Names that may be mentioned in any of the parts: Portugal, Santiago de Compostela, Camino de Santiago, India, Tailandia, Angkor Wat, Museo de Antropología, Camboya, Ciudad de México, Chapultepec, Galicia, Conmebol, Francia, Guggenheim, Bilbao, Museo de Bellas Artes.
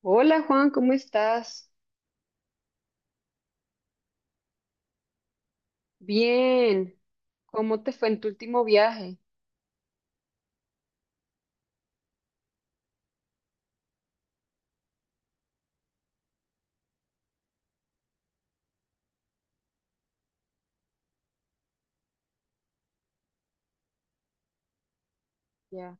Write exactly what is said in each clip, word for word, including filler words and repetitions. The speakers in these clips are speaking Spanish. Hola Juan, ¿cómo estás? Bien, ¿cómo te fue en tu último viaje? Ya.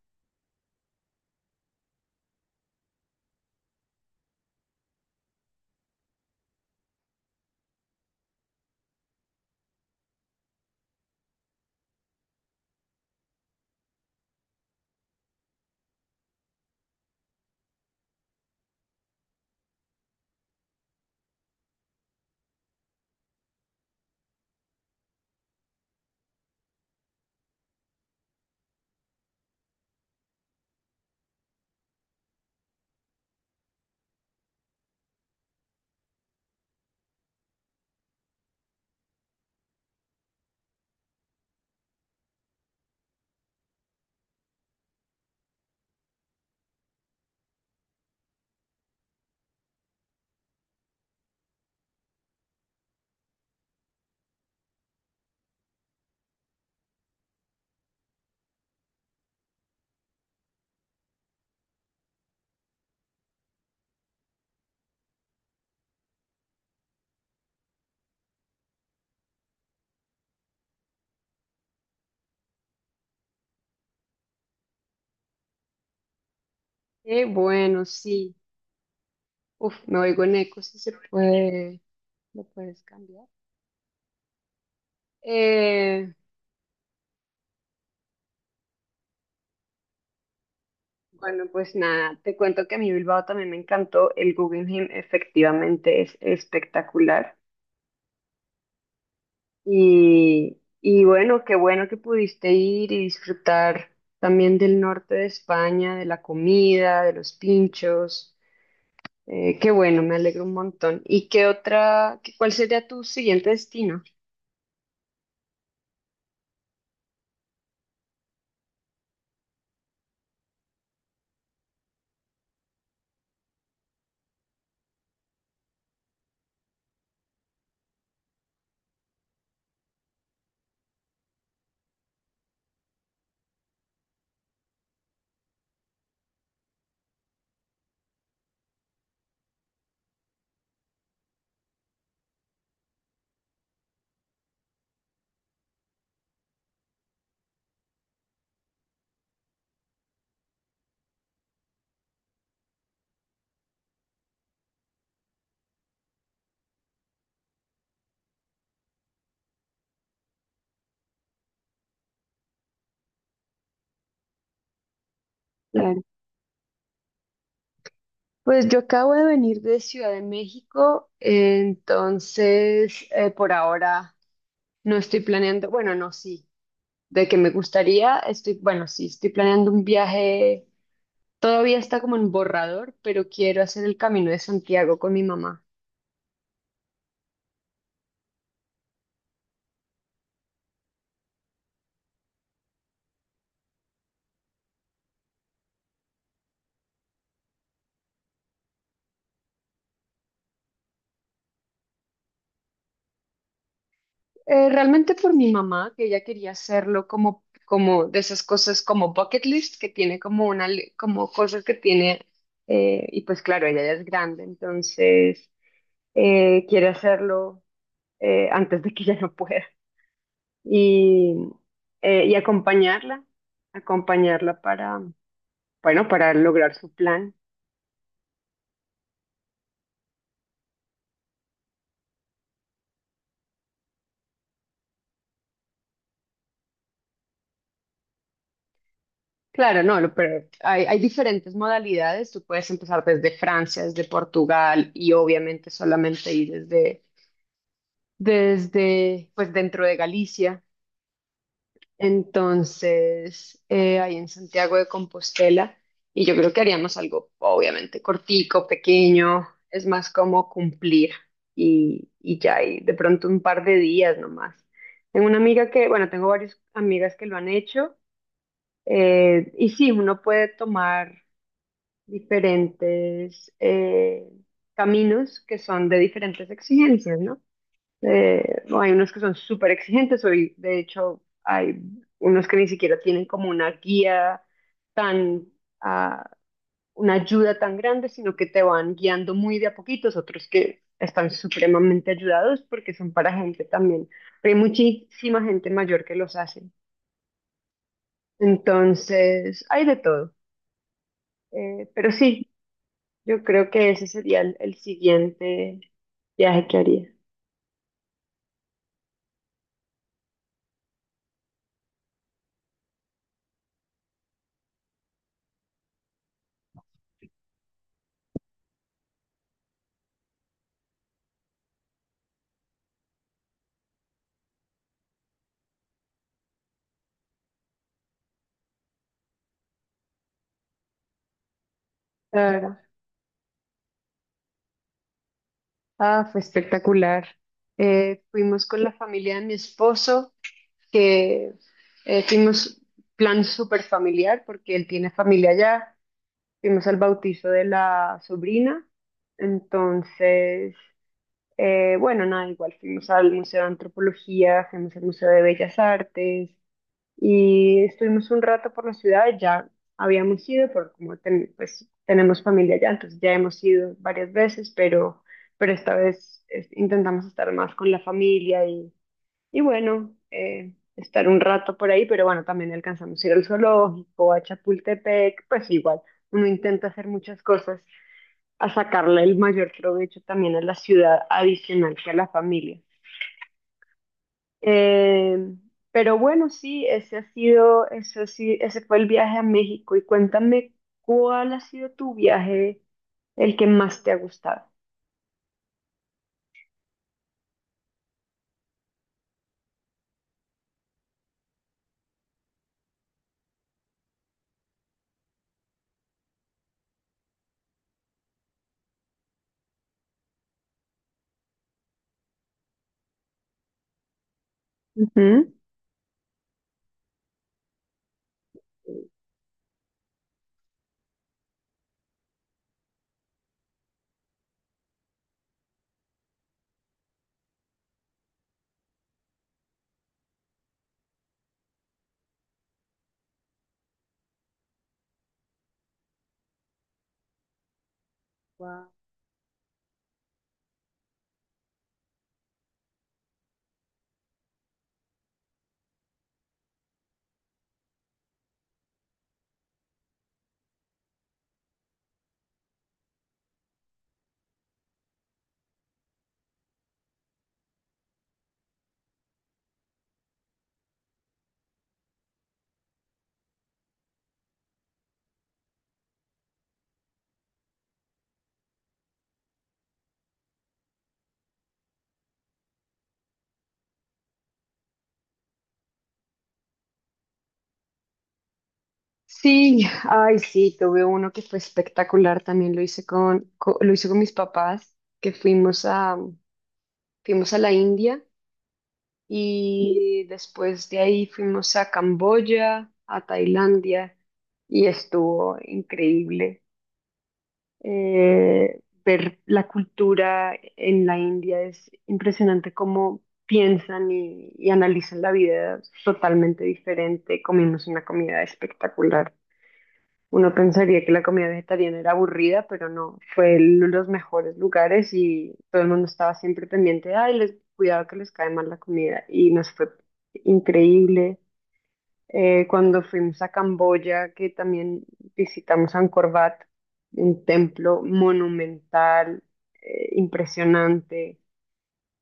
Qué bueno, sí. Uf, me oigo en eco, si se puede, lo puedes cambiar. Eh, bueno, pues nada, te cuento que a mí Bilbao también me encantó. El Guggenheim efectivamente es espectacular. Y, y bueno, qué bueno que pudiste ir y disfrutar también del norte de España, de la comida, de los pinchos. Eh, qué bueno, me alegro un montón. ¿Y qué otra, qué- cuál sería tu siguiente destino? Claro. Pues yo acabo de venir de Ciudad de México, entonces eh, por ahora no estoy planeando, bueno, no, sí, de que me gustaría, estoy, bueno, sí, estoy planeando un viaje, todavía está como en borrador, pero quiero hacer el Camino de Santiago con mi mamá. Eh, realmente por mi mamá, que ella quería hacerlo como, como de esas cosas como bucket list, que tiene como una, li- como cosas que tiene, eh, y pues claro, ella ya es grande, entonces eh, quiere hacerlo eh, antes de que ya no pueda. Y, eh, y acompañarla, acompañarla para, bueno, para lograr su plan. Claro, no, lo- pero hay, hay diferentes modalidades. Tú puedes empezar desde Francia, desde Portugal y obviamente solamente ir desde desde, pues dentro de Galicia, entonces eh, ahí en Santiago de Compostela, y yo creo que haríamos algo obviamente cortico, pequeño, es más como cumplir y, y ya, y de pronto un par de días nomás. Tengo una amiga que, bueno, tengo varias amigas que lo han hecho, eh, y sí, uno puede tomar diferentes eh, caminos que son de diferentes exigencias, ¿no? Eh, no, hay unos que son súper exigentes, hoy de hecho hay unos que ni siquiera tienen como una guía tan, ah, una ayuda tan grande, sino que te van guiando muy de a poquitos, otros que están supremamente ayudados porque son para gente también. Pero hay muchísima gente mayor que los hace. Entonces, hay de todo. Eh, pero sí, yo creo que ese sería el, el siguiente viaje que haría. Claro. Ah, fue espectacular. Eh, fuimos con la familia de mi esposo, que eh, fuimos plan súper familiar porque él tiene familia allá. Fuimos al bautizo de la sobrina. Entonces, eh, bueno, nada, igual fuimos al Museo de Antropología, fuimos al Museo de Bellas Artes, y estuvimos un rato por la ciudad, ya habíamos ido, porque como ten- pues, tenemos familia allá, entonces ya hemos ido varias veces, pero, pero esta vez es- intentamos estar más con la familia y, y bueno, eh, estar un rato por ahí, pero bueno, también alcanzamos a ir al zoológico, a Chapultepec, pues igual, uno intenta hacer muchas cosas a sacarle el mayor provecho también a la ciudad adicional que a la familia. Eh, pero bueno, sí, ese ha sido, eso sí, ese fue el viaje a México. Y cuéntame, ¿cuál ha sido tu viaje, el que más te ha gustado? Ujú. Wow. Sí, ay, sí, tuve uno que fue espectacular. También lo hice con, co- lo hice con mis papás, que fuimos a, fuimos a la India y después de ahí fuimos a Camboya, a Tailandia y estuvo increíble. eh, ver la cultura en la India es impresionante cómo piensan y, y analizan la vida totalmente diferente. Comimos una comida espectacular. Uno pensaría que la comida vegetariana era aburrida, pero no, fue uno de los mejores lugares y todo el mundo estaba siempre pendiente, de, ay, les, cuidado que les cae mal la comida y nos fue increíble. Eh, cuando fuimos a Camboya, que también visitamos Angkor Wat, un templo monumental, eh, impresionante.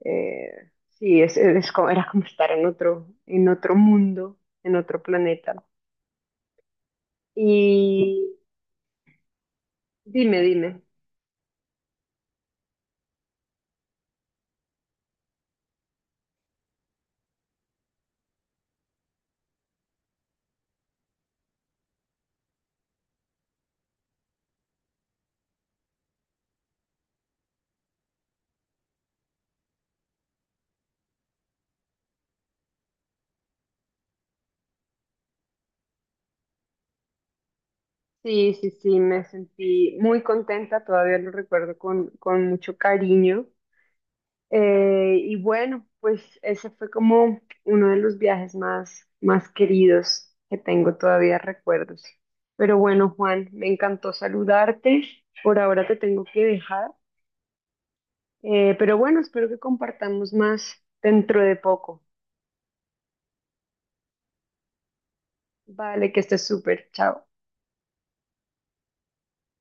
Eh, sí, es, es como- era como estar en otro, en otro mundo, en otro planeta. Y dime, dime. Sí, sí, sí, me sentí muy contenta, todavía lo recuerdo con, con mucho cariño. Eh, y bueno, pues ese fue como uno de los viajes más, más queridos que tengo todavía recuerdos. Pero bueno, Juan, me encantó saludarte. Por ahora te tengo que dejar. Eh, pero bueno, espero que compartamos más dentro de poco. Vale, que estés súper. Chao.